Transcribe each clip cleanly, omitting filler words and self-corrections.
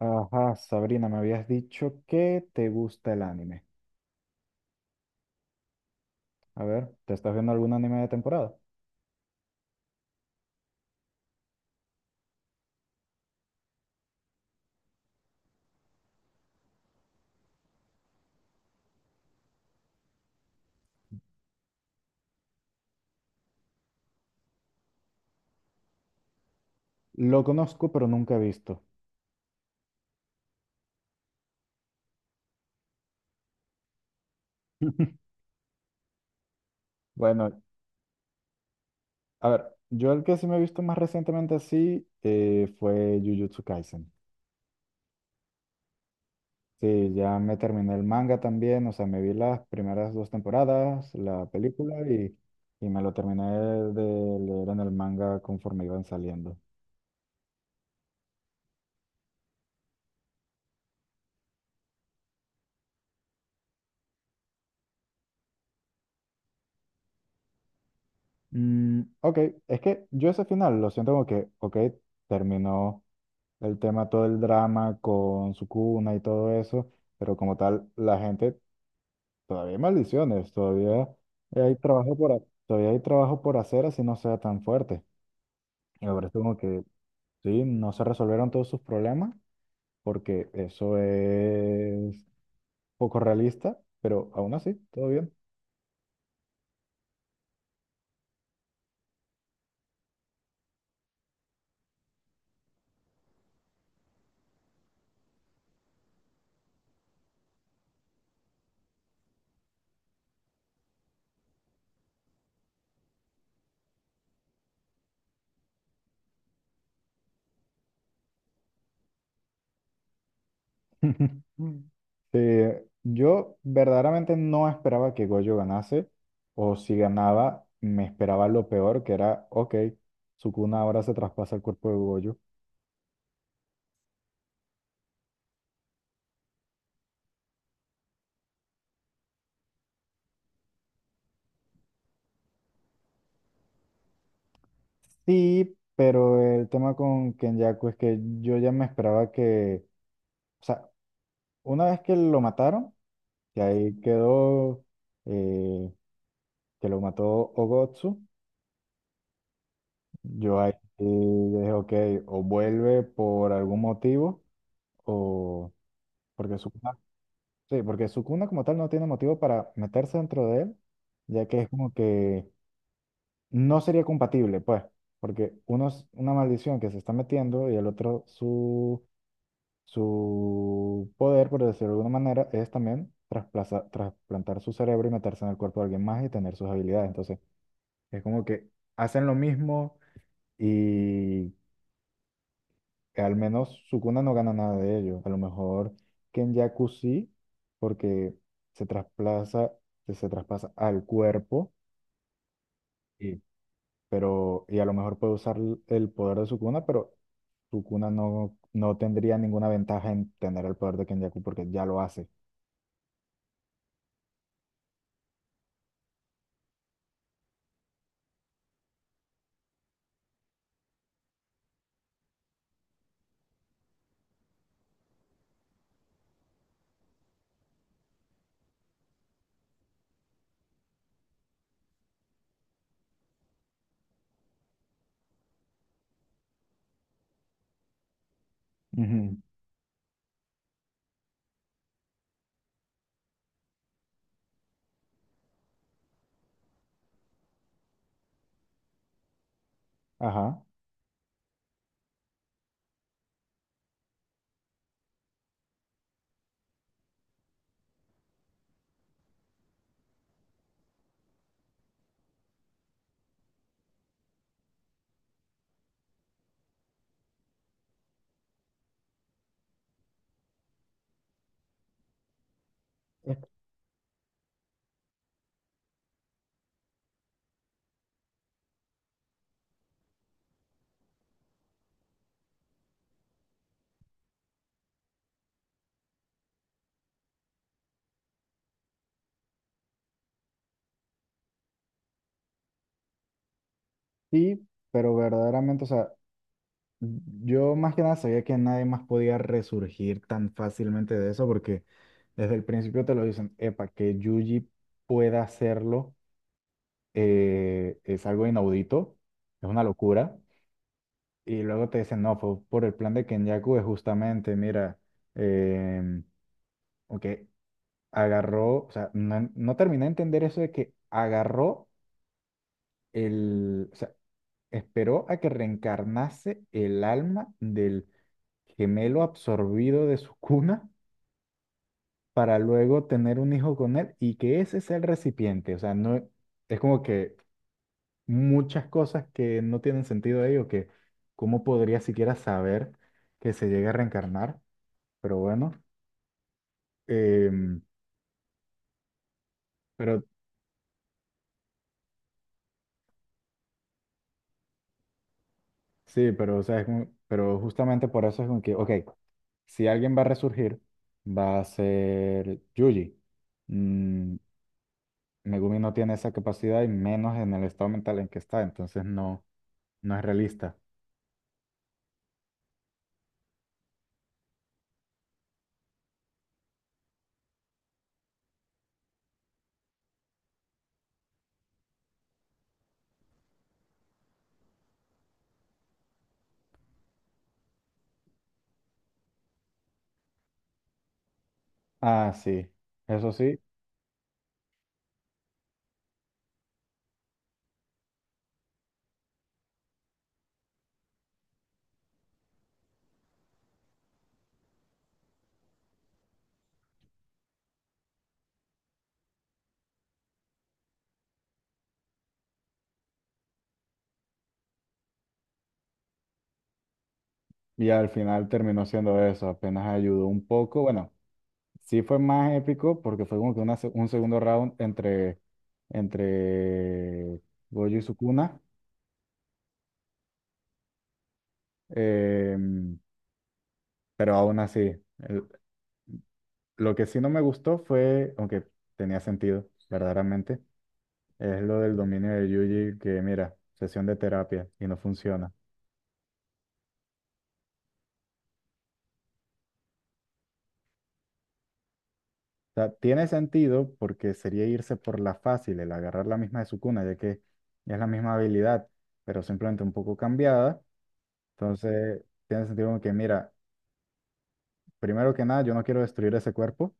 Ajá, Sabrina, me habías dicho que te gusta el anime. A ver, ¿te estás viendo algún anime de temporada? Lo conozco, pero nunca he visto. Bueno, a ver, yo el que sí me he visto más recientemente así fue Jujutsu Kaisen. Sí, ya me terminé el manga también, o sea, me vi las primeras dos temporadas, la película y me lo terminé de leer en el manga conforme iban saliendo. Mm, ok, es que yo ese final lo siento como que, ok, terminó el tema, todo el drama con su cuna y todo eso, pero como tal, la gente, todavía hay maldiciones, todavía hay trabajo todavía hay trabajo por hacer así no sea tan fuerte. Y me parece como que sí, no se resolvieron todos sus problemas, porque eso es poco realista, pero aún así, todo bien. Sí, yo verdaderamente no esperaba que Goyo ganase, o si ganaba, me esperaba lo peor, que era, ok, Sukuna ahora se traspasa el cuerpo de Goyo. Sí, pero el tema con Kenyaku es que yo ya me esperaba que, o sea, una vez que lo mataron, que ahí quedó, eh, que lo mató Ogotsu, yo ahí eh, dije, ok, o vuelve por algún motivo, o porque Sukuna. Sí, porque Sukuna como tal no tiene motivo para meterse dentro de él, ya que es como que no sería compatible, pues, porque uno es una maldición que se está metiendo y el otro su poder, por decirlo de alguna manera, es también trasplantar su cerebro y meterse en el cuerpo de alguien más y tener sus habilidades. Entonces, es como que hacen lo mismo y que al menos Sukuna no gana nada de ello. A lo mejor Kenjaku sí, porque se trasplaza, se traspasa al cuerpo, y, pero, y a lo mejor puede usar el poder de Sukuna, pero Sukuna no, no tendría ninguna ventaja en tener el poder de Kenjaku porque ya lo hace. Ujú. Ajá. Es- Sí, pero verdaderamente, o sea, yo más que nada sabía que nadie más podía resurgir tan fácilmente de eso porque desde el principio te lo dicen, epa, que Yuji pueda hacerlo es algo inaudito, es una locura. Y luego te dicen, no, fue por el plan de Kenyaku, es justamente, mira, em, ok, agarró, o sea, no, no terminé de entender eso de que agarró el, o sea, esperó a que reencarnase el alma del gemelo absorbido de su cuna para luego tener un hijo con él y que ese sea el recipiente. O sea, no es como que muchas cosas que no tienen sentido ahí o que cómo podría siquiera saber que se llega a reencarnar. Pero bueno, em, pero sí, pero o sea, pero justamente por eso es como que, ok, si alguien va a resurgir, va a ser Yuji. Mm, Megumi no tiene esa capacidad y menos en el estado mental en que está, entonces no. No es realista. Ah, sí, eso sí. Y al final terminó siendo eso, apenas ayudó un poco. Bueno, sí fue más épico porque fue como que un segundo round entre Gojo y Sukuna. em, pero aún así, el- lo que sí no me gustó fue, aunque tenía sentido, verdaderamente, es lo del dominio de Yuji que, mira, sesión de terapia y no funciona. O sea, tiene sentido porque sería irse por la fácil, el agarrar la misma de su cuna, ya que es la misma habilidad, pero simplemente un poco cambiada. Entonces, tiene sentido como que, mira, primero que nada, yo no quiero destruir ese cuerpo.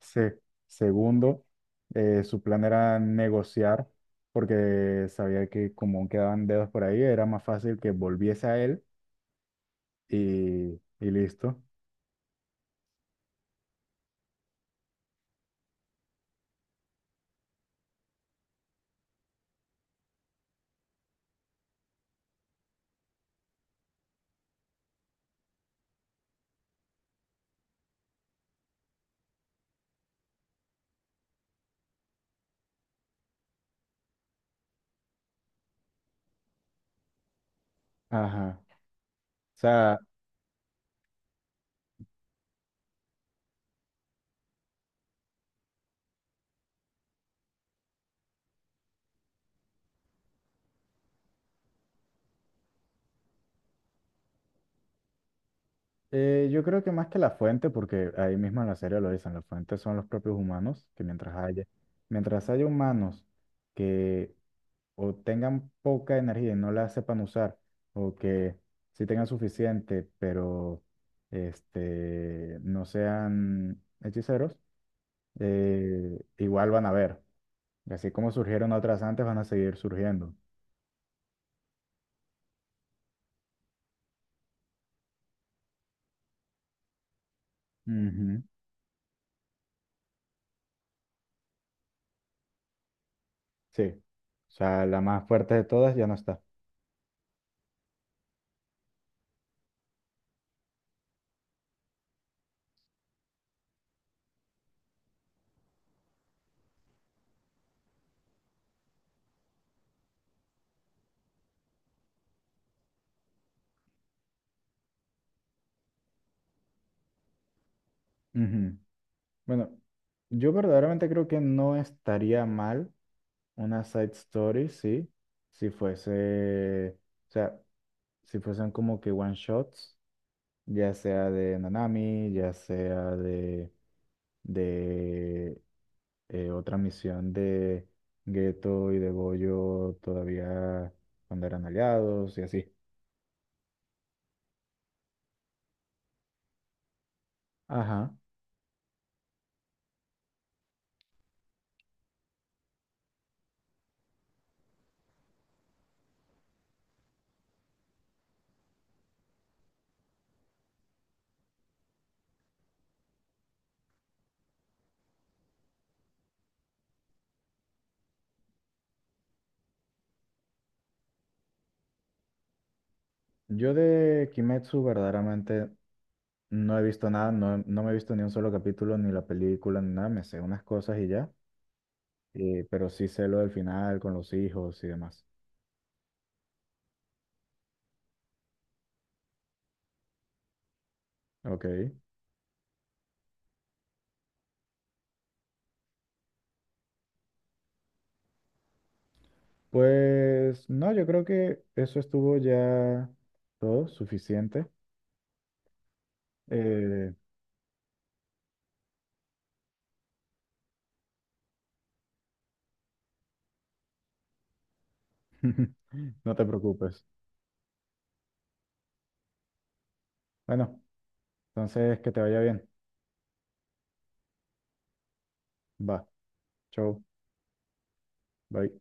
Se- Segundo, su plan era negociar, porque sabía que como quedaban dedos por ahí, era más fácil que volviese a él y listo. Ajá. O sea, eh, yo creo que más que la fuente, porque ahí mismo en la serie lo dicen, la fuente son los propios humanos, que mientras haya humanos que o tengan poca energía y no la sepan usar, o que sí tengan suficiente, pero este, no sean hechiceros, igual van a ver. Y así como surgieron otras antes, van a seguir surgiendo. Ujú. Sí. O sea, la más fuerte de todas ya no está. Ujú. Bueno, yo verdaderamente creo que no estaría mal una side story, sí, si fuese, o sea, si fuesen como que one shots, ya sea de Nanami, ya sea de otra misión de Geto y de Goyo todavía cuando eran aliados y así. Ajá. Yo de Kimetsu verdaderamente no he visto nada, no, no me he visto ni un solo capítulo, ni la película, ni nada, me sé unas cosas y ya. Pero sí sé lo del final con los hijos y demás. Ok. Pues no, yo creo que eso estuvo ya todo suficiente. Eh, no te preocupes. Bueno, entonces que te vaya bien. Va. Chau. Bye.